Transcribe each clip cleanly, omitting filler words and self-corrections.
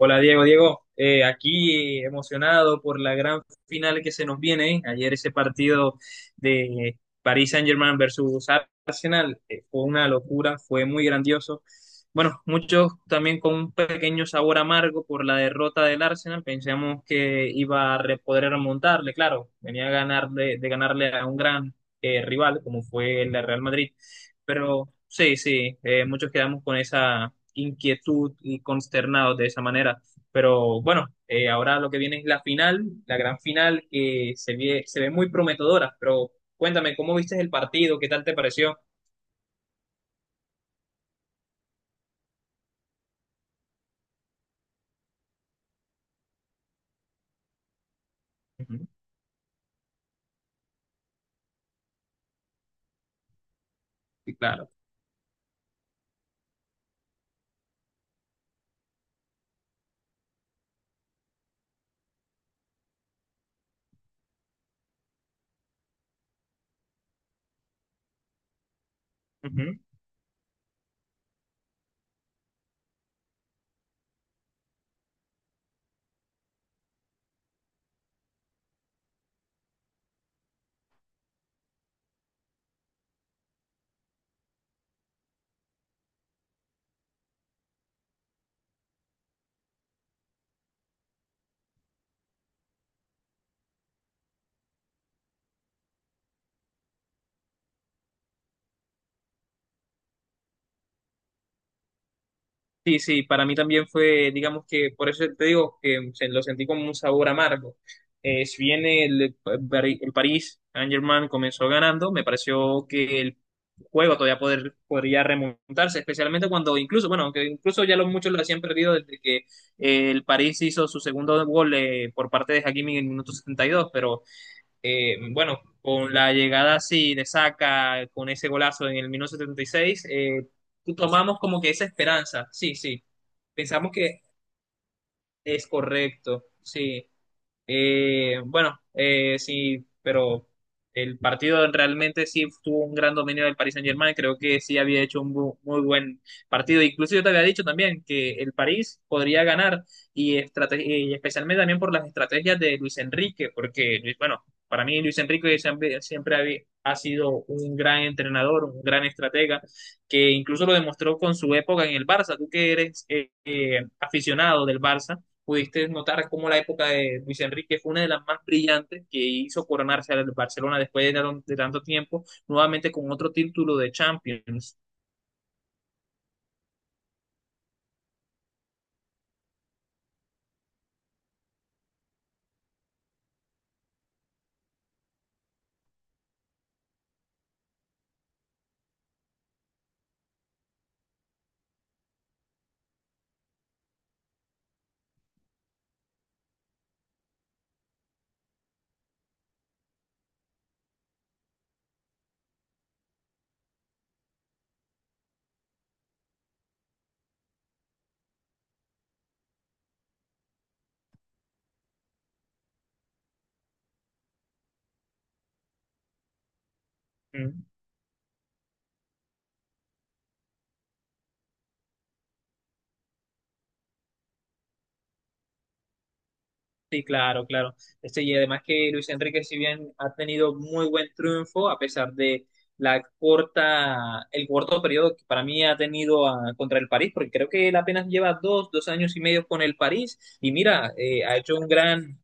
Hola Diego, aquí emocionado por la gran final que se nos viene. Ayer ese partido de Paris Saint-Germain versus Arsenal fue una locura, fue muy grandioso. Bueno, muchos también con un pequeño sabor amargo por la derrota del Arsenal. Pensamos que iba a poder remontarle, claro, venía a ganar de ganarle a un gran rival como fue el Real Madrid, pero sí, sí, muchos quedamos con esa inquietud y consternados de esa manera. Pero bueno, ahora lo que viene es la final, la gran final que se ve muy prometedora. Pero cuéntame, ¿cómo viste el partido? ¿Qué tal te pareció? Ujú. Sí, claro. Ujú. Sí, sí, para mí también fue, digamos que, por eso te digo que lo sentí como un sabor amargo. Si bien el París Saint-Germain comenzó ganando, me pareció que el juego podría remontarse, especialmente cuando incluso, bueno, aunque incluso ya los muchos lo habían perdido desde que el París hizo su segundo gol por parte de Hakimi en el minuto 72, pero bueno, con la llegada así de Saka con ese golazo en el minuto 76, tomamos como que esa esperanza, sí, sí, pensamos que es correcto, sí. Bueno, sí, pero el partido realmente sí tuvo un gran dominio del Paris Saint-Germain. Creo que sí había hecho un muy buen partido. Incluso yo te había dicho también que el París podría ganar y especialmente también por las estrategias de Luis Enrique, porque, bueno, para mí Luis Enrique siempre, ha sido un gran entrenador, un gran estratega, que incluso lo demostró con su época en el Barça. Tú que eres aficionado del Barça pudiste notar cómo la época de Luis Enrique fue una de las más brillantes que hizo coronarse al Barcelona después de tanto tiempo, nuevamente con otro título de Champions. Mm. Sí, claro, claro. Este, y además que Luis Enrique, si bien ha tenido muy buen triunfo, a pesar de el corto periodo que para mí ha tenido ah, contra el París, porque creo que él apenas lleva dos años y medio con el París, y mira, ha hecho un gran...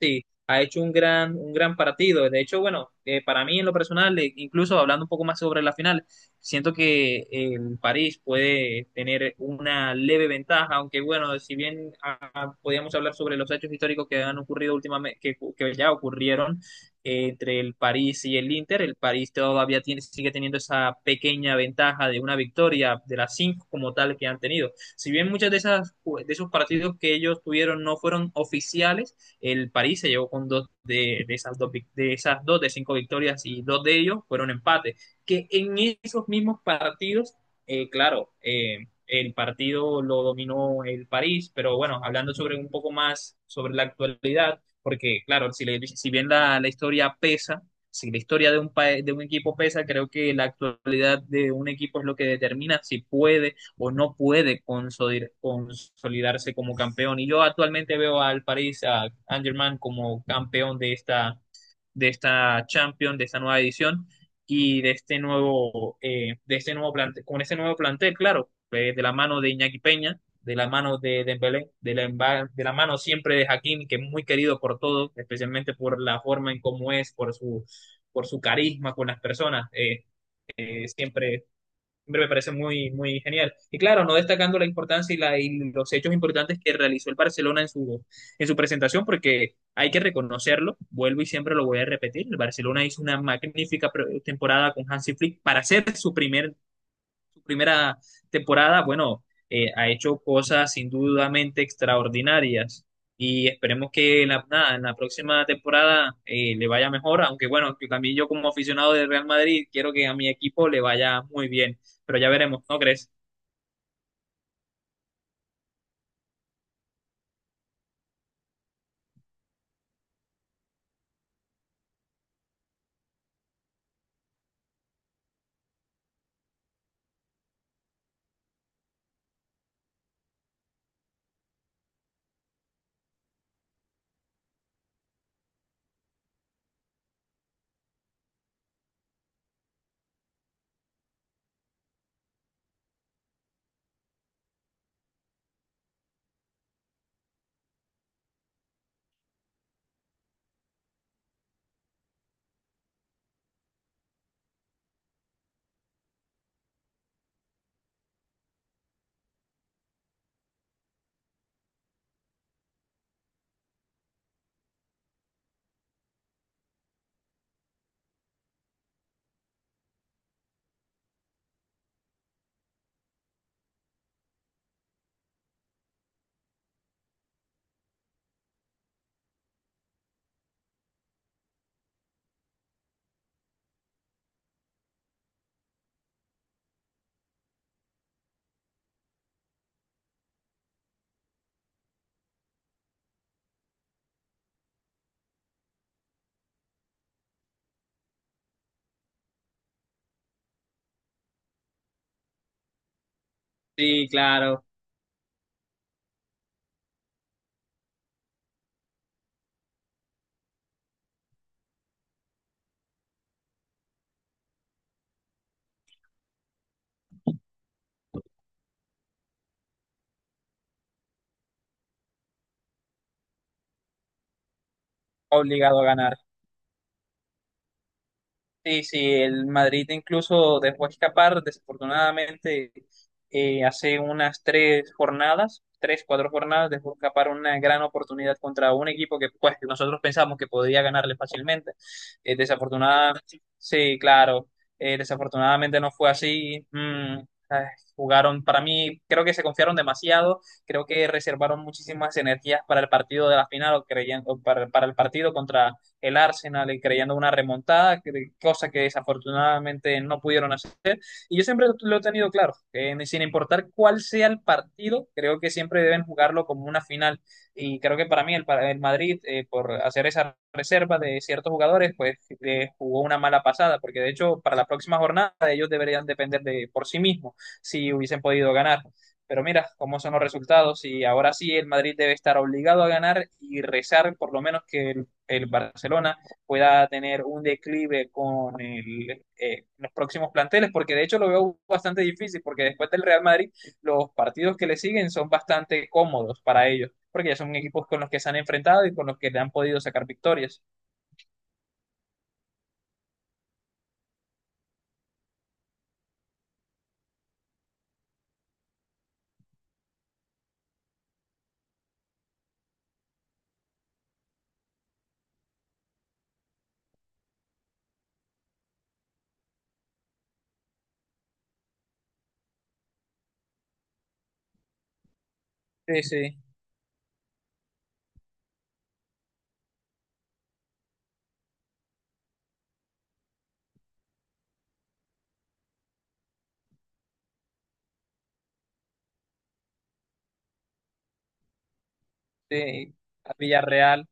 Sí, ha hecho un gran partido. De hecho, bueno, para mí en lo personal, incluso hablando un poco más sobre la final, siento que el París puede tener una leve ventaja, aunque bueno, si bien ah, podíamos hablar sobre los hechos históricos que han ocurrido últimamente, que ya ocurrieron entre el París y el Inter, el París sigue teniendo esa pequeña ventaja de una victoria de las cinco como tal que han tenido. Si bien muchas de esas, de esos partidos que ellos tuvieron no fueron oficiales, el París se llevó con de esas dos de cinco victorias y dos de ellos fueron empates. Que en esos mismos partidos, claro, el partido lo dominó el París, pero bueno, hablando sobre un poco más sobre la actualidad, porque claro, si bien la historia pesa, si la historia de de un equipo pesa, creo que la actualidad de un equipo es lo que determina si puede o no puede consolidarse como campeón. Y yo actualmente veo al París, a Angerman como campeón de esta Champions, de esta nueva edición y de este nuevo, con este nuevo plantel, claro, de la mano de Iñaki Peña, de la mano de Dembélé, de de la mano siempre de Hakim, que es muy querido por todos, especialmente por la forma en cómo es, por su carisma con las personas. Siempre Hombre, me parece muy, muy genial. Y claro, no destacando la importancia y los hechos importantes que realizó el Barcelona en su presentación, porque hay que reconocerlo, vuelvo y siempre lo voy a repetir, el Barcelona hizo una magnífica pre- temporada con Hansi Flick para ser su primera temporada, bueno, ha hecho cosas sin dudamente extraordinarias y esperemos que en la, nada, en la próxima temporada le vaya mejor, aunque bueno, que también yo como aficionado del Real Madrid quiero que a mi equipo le vaya muy bien, pero ya veremos, ¿no crees? Sí, claro, obligado a ganar. Sí, sí, el Madrid incluso dejó escapar, desafortunadamente, hace unas tres jornadas, cuatro jornadas, dejó escapar una gran oportunidad contra un equipo que pues nosotros pensamos que podía ganarle fácilmente. Desafortunadamente, sí, claro, desafortunadamente no fue así. Mm, ay, jugaron, para mí, creo que se confiaron demasiado, creo que reservaron muchísimas energías para el partido de la final o creían, para el partido contra el Arsenal y creyendo una remontada, cosa que desafortunadamente no pudieron hacer. Y yo siempre lo he tenido claro, que sin importar cuál sea el partido, creo que siempre deben jugarlo como una final. Y creo que para mí el Madrid, por hacer esa reserva de ciertos jugadores, pues jugó una mala pasada, porque de hecho para la próxima jornada ellos deberían depender de por sí mismos si hubiesen podido ganar. Pero mira cómo son los resultados y ahora sí el Madrid debe estar obligado a ganar y rezar por lo menos que el Barcelona pueda tener un declive con los próximos planteles, porque de hecho lo veo bastante difícil, porque después del Real Madrid los partidos que le siguen son bastante cómodos para ellos, porque ya son equipos con los que se han enfrentado y con los que le han podido sacar victorias. Sí, sí, sí, a Villarreal,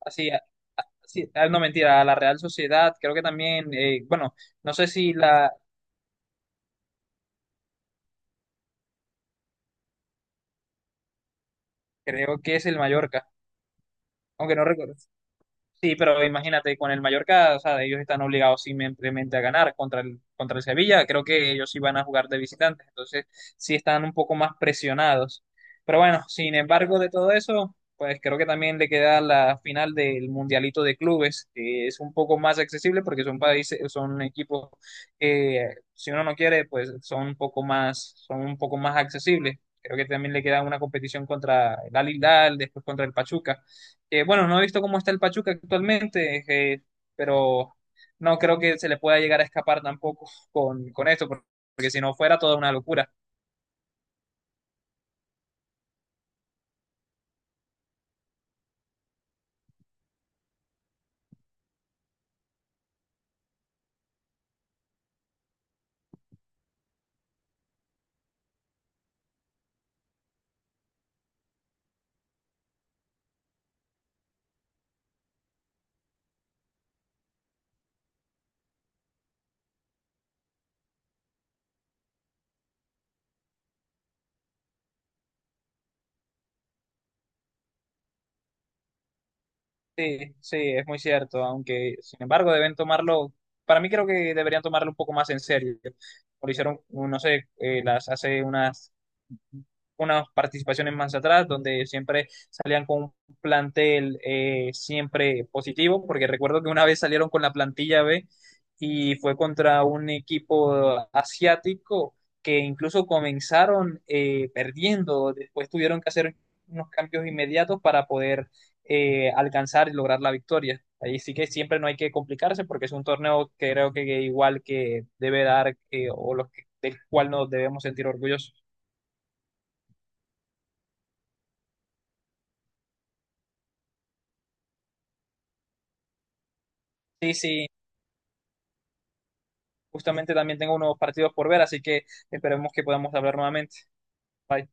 así, sí, ah, no mentira, a la Real Sociedad, creo que también, bueno, no sé si creo que es el Mallorca, aunque no recuerdo. Sí, pero imagínate, con el Mallorca, o sea, ellos están obligados simplemente a ganar contra el Sevilla. Creo que ellos sí van a jugar de visitantes, entonces sí están un poco más presionados. Pero bueno, sin embargo de todo eso, pues creo que también le queda la final del Mundialito de Clubes, que es un poco más accesible porque son países, son equipos que si uno no quiere, pues son un poco más, son un poco más accesibles. Creo que también le queda una competición contra el Al Hilal, después contra el Pachuca. Bueno, no he visto cómo está el Pachuca actualmente, eh, pero no creo que se le pueda llegar a escapar tampoco con esto, porque si no fuera toda una locura. Sí, sí, es muy cierto, aunque sin embargo deben tomarlo, para mí creo que deberían tomarlo un poco más en serio. Lo hicieron, no sé, hace unas participaciones más atrás, donde siempre salían con un plantel siempre positivo, porque recuerdo que una vez salieron con la plantilla B y fue contra un equipo asiático que incluso comenzaron perdiendo, después tuvieron que hacer unos cambios inmediatos para poder alcanzar y lograr la victoria. Ahí sí que siempre no hay que complicarse porque es un torneo que creo que igual que debe dar o los que, del cual nos debemos sentir orgullosos. Sí, sí, justamente también tengo unos partidos por ver, así que esperemos que podamos hablar nuevamente. Bye.